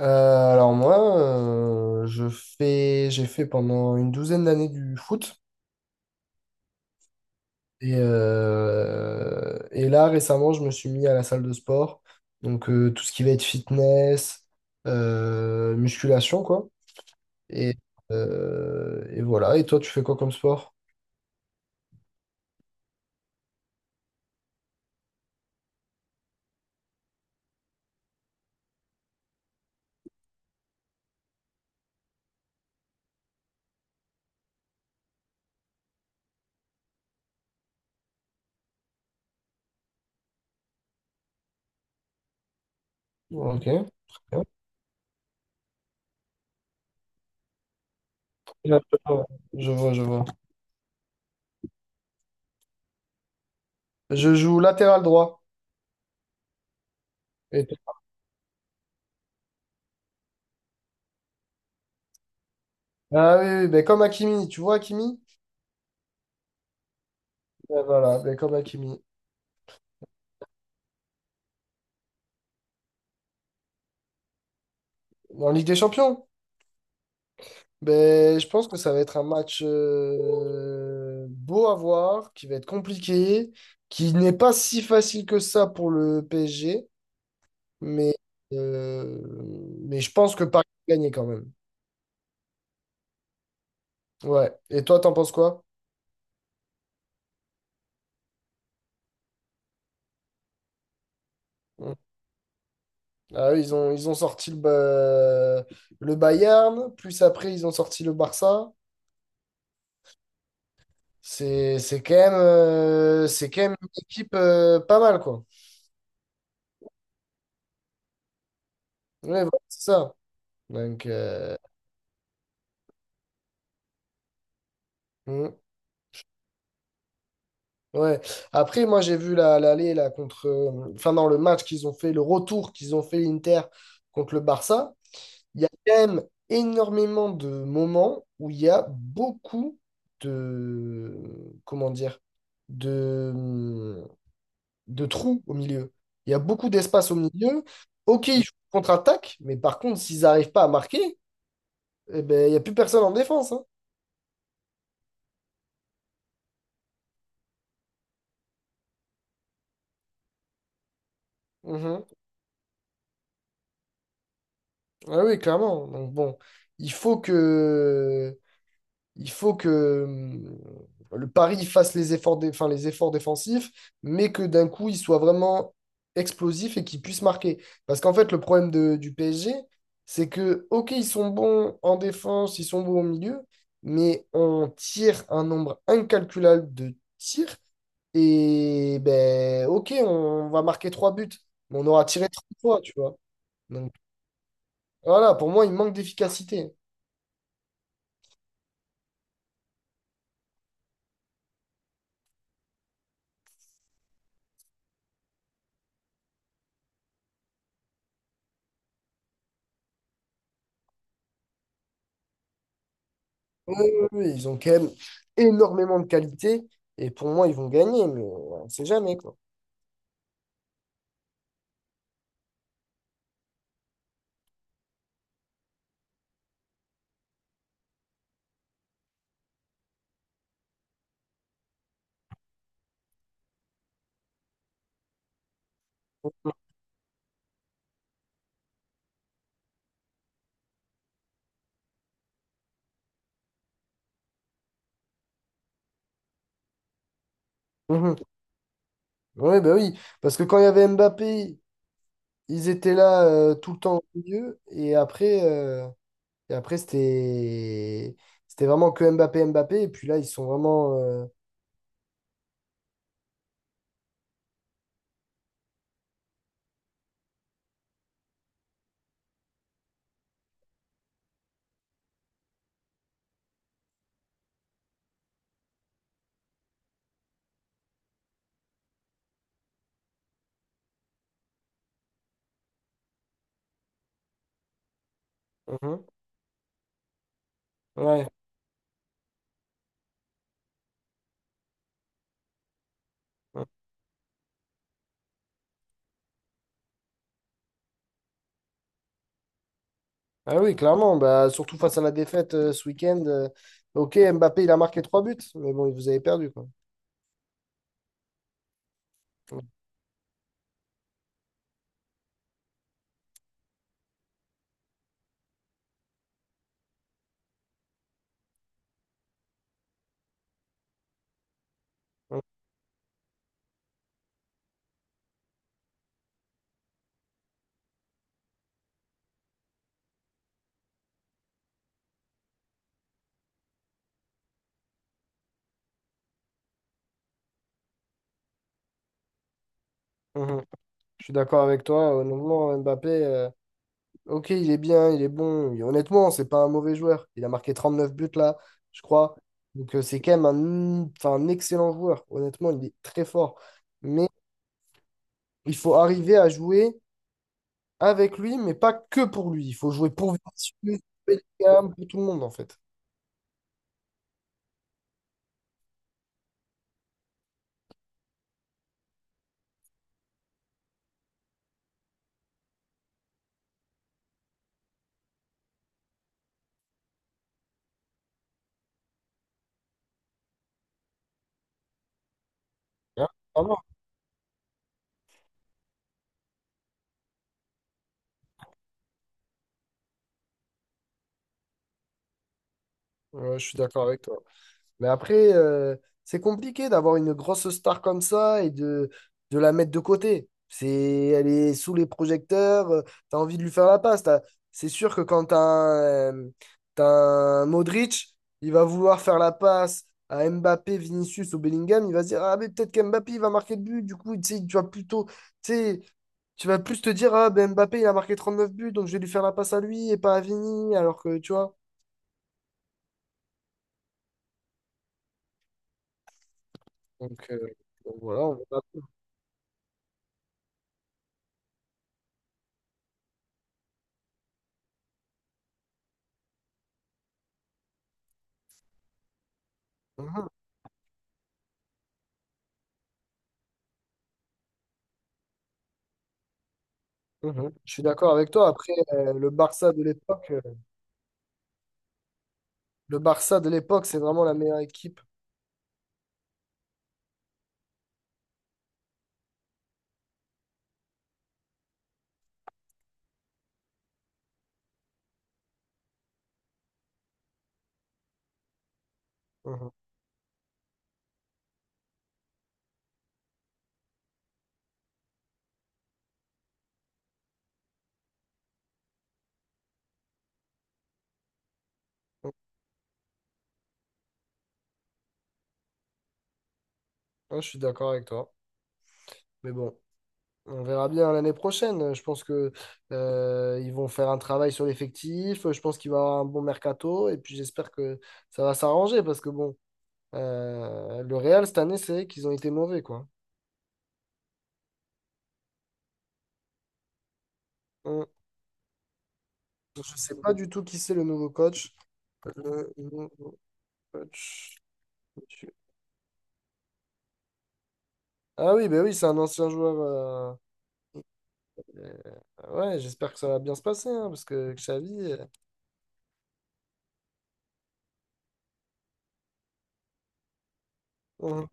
Euh, alors moi, je fais, j'ai fait pendant une douzaine d'années du foot. Et là, récemment, je me suis mis à la salle de sport. Donc, tout ce qui va être fitness, musculation, quoi. Et, et voilà. Et toi, tu fais quoi comme sport? Ok. Très bien. Je vois, je vois, je vois. Je joue latéral droit. Et toi? Ah oui, oui, ben comme Hakimi. Tu vois Hakimi? Ben voilà, ben comme Hakimi. En Ligue des Champions? Ben, je pense que ça va être un match beau à voir, qui va être compliqué, qui n'est pas si facile que ça pour le PSG, mais, euh, mais je pense que Paris va gagner quand même. Ouais. Et toi, t'en penses quoi? Hum. Ah, eux, ils ont, le Bayern, plus après, ils ont sorti le Barça. C'est, c'est quand même une équipe pas mal, quoi. Ouais, voilà, c'est ça. Donc, mmh. Ouais. Après, moi, l'aller là contre, enfin dans le match qu'ils ont fait, le retour qu'ils ont fait l'Inter contre le Barça. Il y a quand même énormément de moments où il y a beaucoup de, comment dire, de, de trous au milieu. Il y a beaucoup d'espace au milieu. Ok, ils jouent contre-attaque, mais par contre, s'ils n'arrivent pas à marquer, eh ben, il n'y a plus personne en défense, hein. Mhm. Ah oui, clairement. Donc bon, il faut que il faut que le Paris fasse les efforts, enfin, les efforts défensifs, mais que d'un coup, il soit vraiment explosif et qu'il puisse marquer. Parce qu'en fait, du PSG, c'est que, OK, ils sont bons en défense, ils sont bons au milieu, mais on tire un nombre incalculable de tirs. Et ben, OK, on va marquer trois buts, mais on aura tiré trois fois, tu vois. Donc voilà, pour moi, il manque d'efficacité. Oui, oui, oui, ils ont quand même énormément de qualité et pour moi, ils vont gagner, mais on ne sait jamais, quoi. Mhm. Oui, bah oui, parce que quand il y avait Mbappé, ils étaient là tout le temps au milieu et après, et après c'était vraiment que Mbappé, Mbappé et puis là, ils sont vraiment... mhm. Ouais. Ah oui, clairement, bah, surtout face à la défaite ce week-end. Ok, Mbappé, il a marqué trois buts, mais bon, vous avez perdu, quoi. Mhm. Mhm. Je suis d'accord avec toi, honnêtement, Mbappé... Ok, il est bien, il est bon. Et honnêtement, c'est pas un mauvais joueur. Il a marqué 39 buts là, je crois. Donc c'est quand même un, enfin, un excellent joueur. Honnêtement, il est très fort. Mais il faut arriver à jouer avec lui, mais pas que pour lui. Il faut jouer pour Vinicius, pour Bellingham, pour tout le monde en fait. Hein, vraiment. Ouais, je suis d'accord avec toi. Mais après, c'est compliqué d'avoir une grosse star comme ça et de la mettre de côté. C'est, elle est sous les projecteurs, t'as envie de lui faire la passe. C'est sûr que quand t'as un Modric, il va vouloir faire la passe à Mbappé, Vinicius ou Bellingham, il va se dire, ah mais peut-être qu'Mbappé il va marquer le but, du coup, tu sais, tu vas plutôt, tu sais, tu vas plus te dire, ah ben Mbappé il a marqué 39 buts, donc je vais lui faire la passe à lui et pas à Vini, alors que tu vois. Donc voilà, on verra. Mhm. Je suis d'accord avec toi. Après, le Barça de l'époque, c'est vraiment la meilleure équipe. Mhm. Ouais, je suis d'accord avec toi. Mais bon, on verra bien l'année prochaine. Je pense que ils vont faire un travail sur l'effectif. Je pense qu'il va y avoir un bon mercato. Et puis j'espère que ça va s'arranger parce que bon. Le Real, cette année, c'est qu'ils ont été mauvais, quoi. Hein. Je ne sais pas du tout qui c'est le nouveau coach. Le nouveau coach. monsieur- Ah oui, ben oui, c'est un ancien joueur. euh, ouais, j'espère que ça va bien se passer, hein, parce que Xavi. Hein.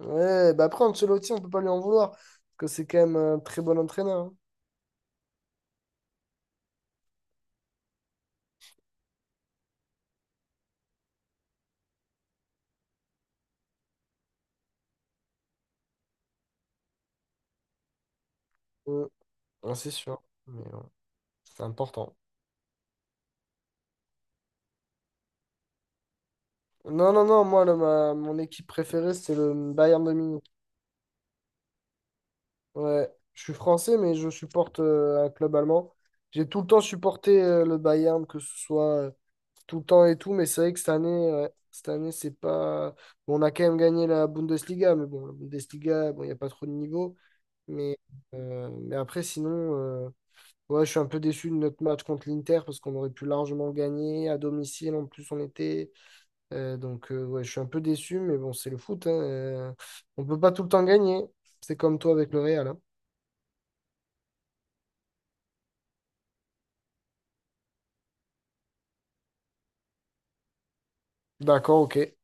Ouais, bah après, Ancelotti, on peut pas lui en vouloir, parce que c'est quand même un très bon entraîneur, hein. Hein. Ouais, c'est sûr, mais c'est important. Non, non, non, moi, mon équipe préférée, c'est le Bayern de Munich. Ouais, je suis français, mais je supporte un club allemand. J'ai tout le temps supporté le Bayern, que ce soit tout le temps et tout, mais c'est vrai que cette année, ouais, cette année, c'est pas. Bon, on a quand même gagné la Bundesliga, mais bon, la Bundesliga, bon, il n'y a pas trop de niveau. Mais, mais après, sinon, euh, ouais, je suis un peu déçu de notre match contre l'Inter parce qu'on aurait pu largement gagner à domicile. En plus, on était. Donc, ouais, je suis un peu déçu, mais bon, c'est le foot, hein, on peut pas tout le temps gagner. C'est comme toi avec le Real, hein. D'accord, ok.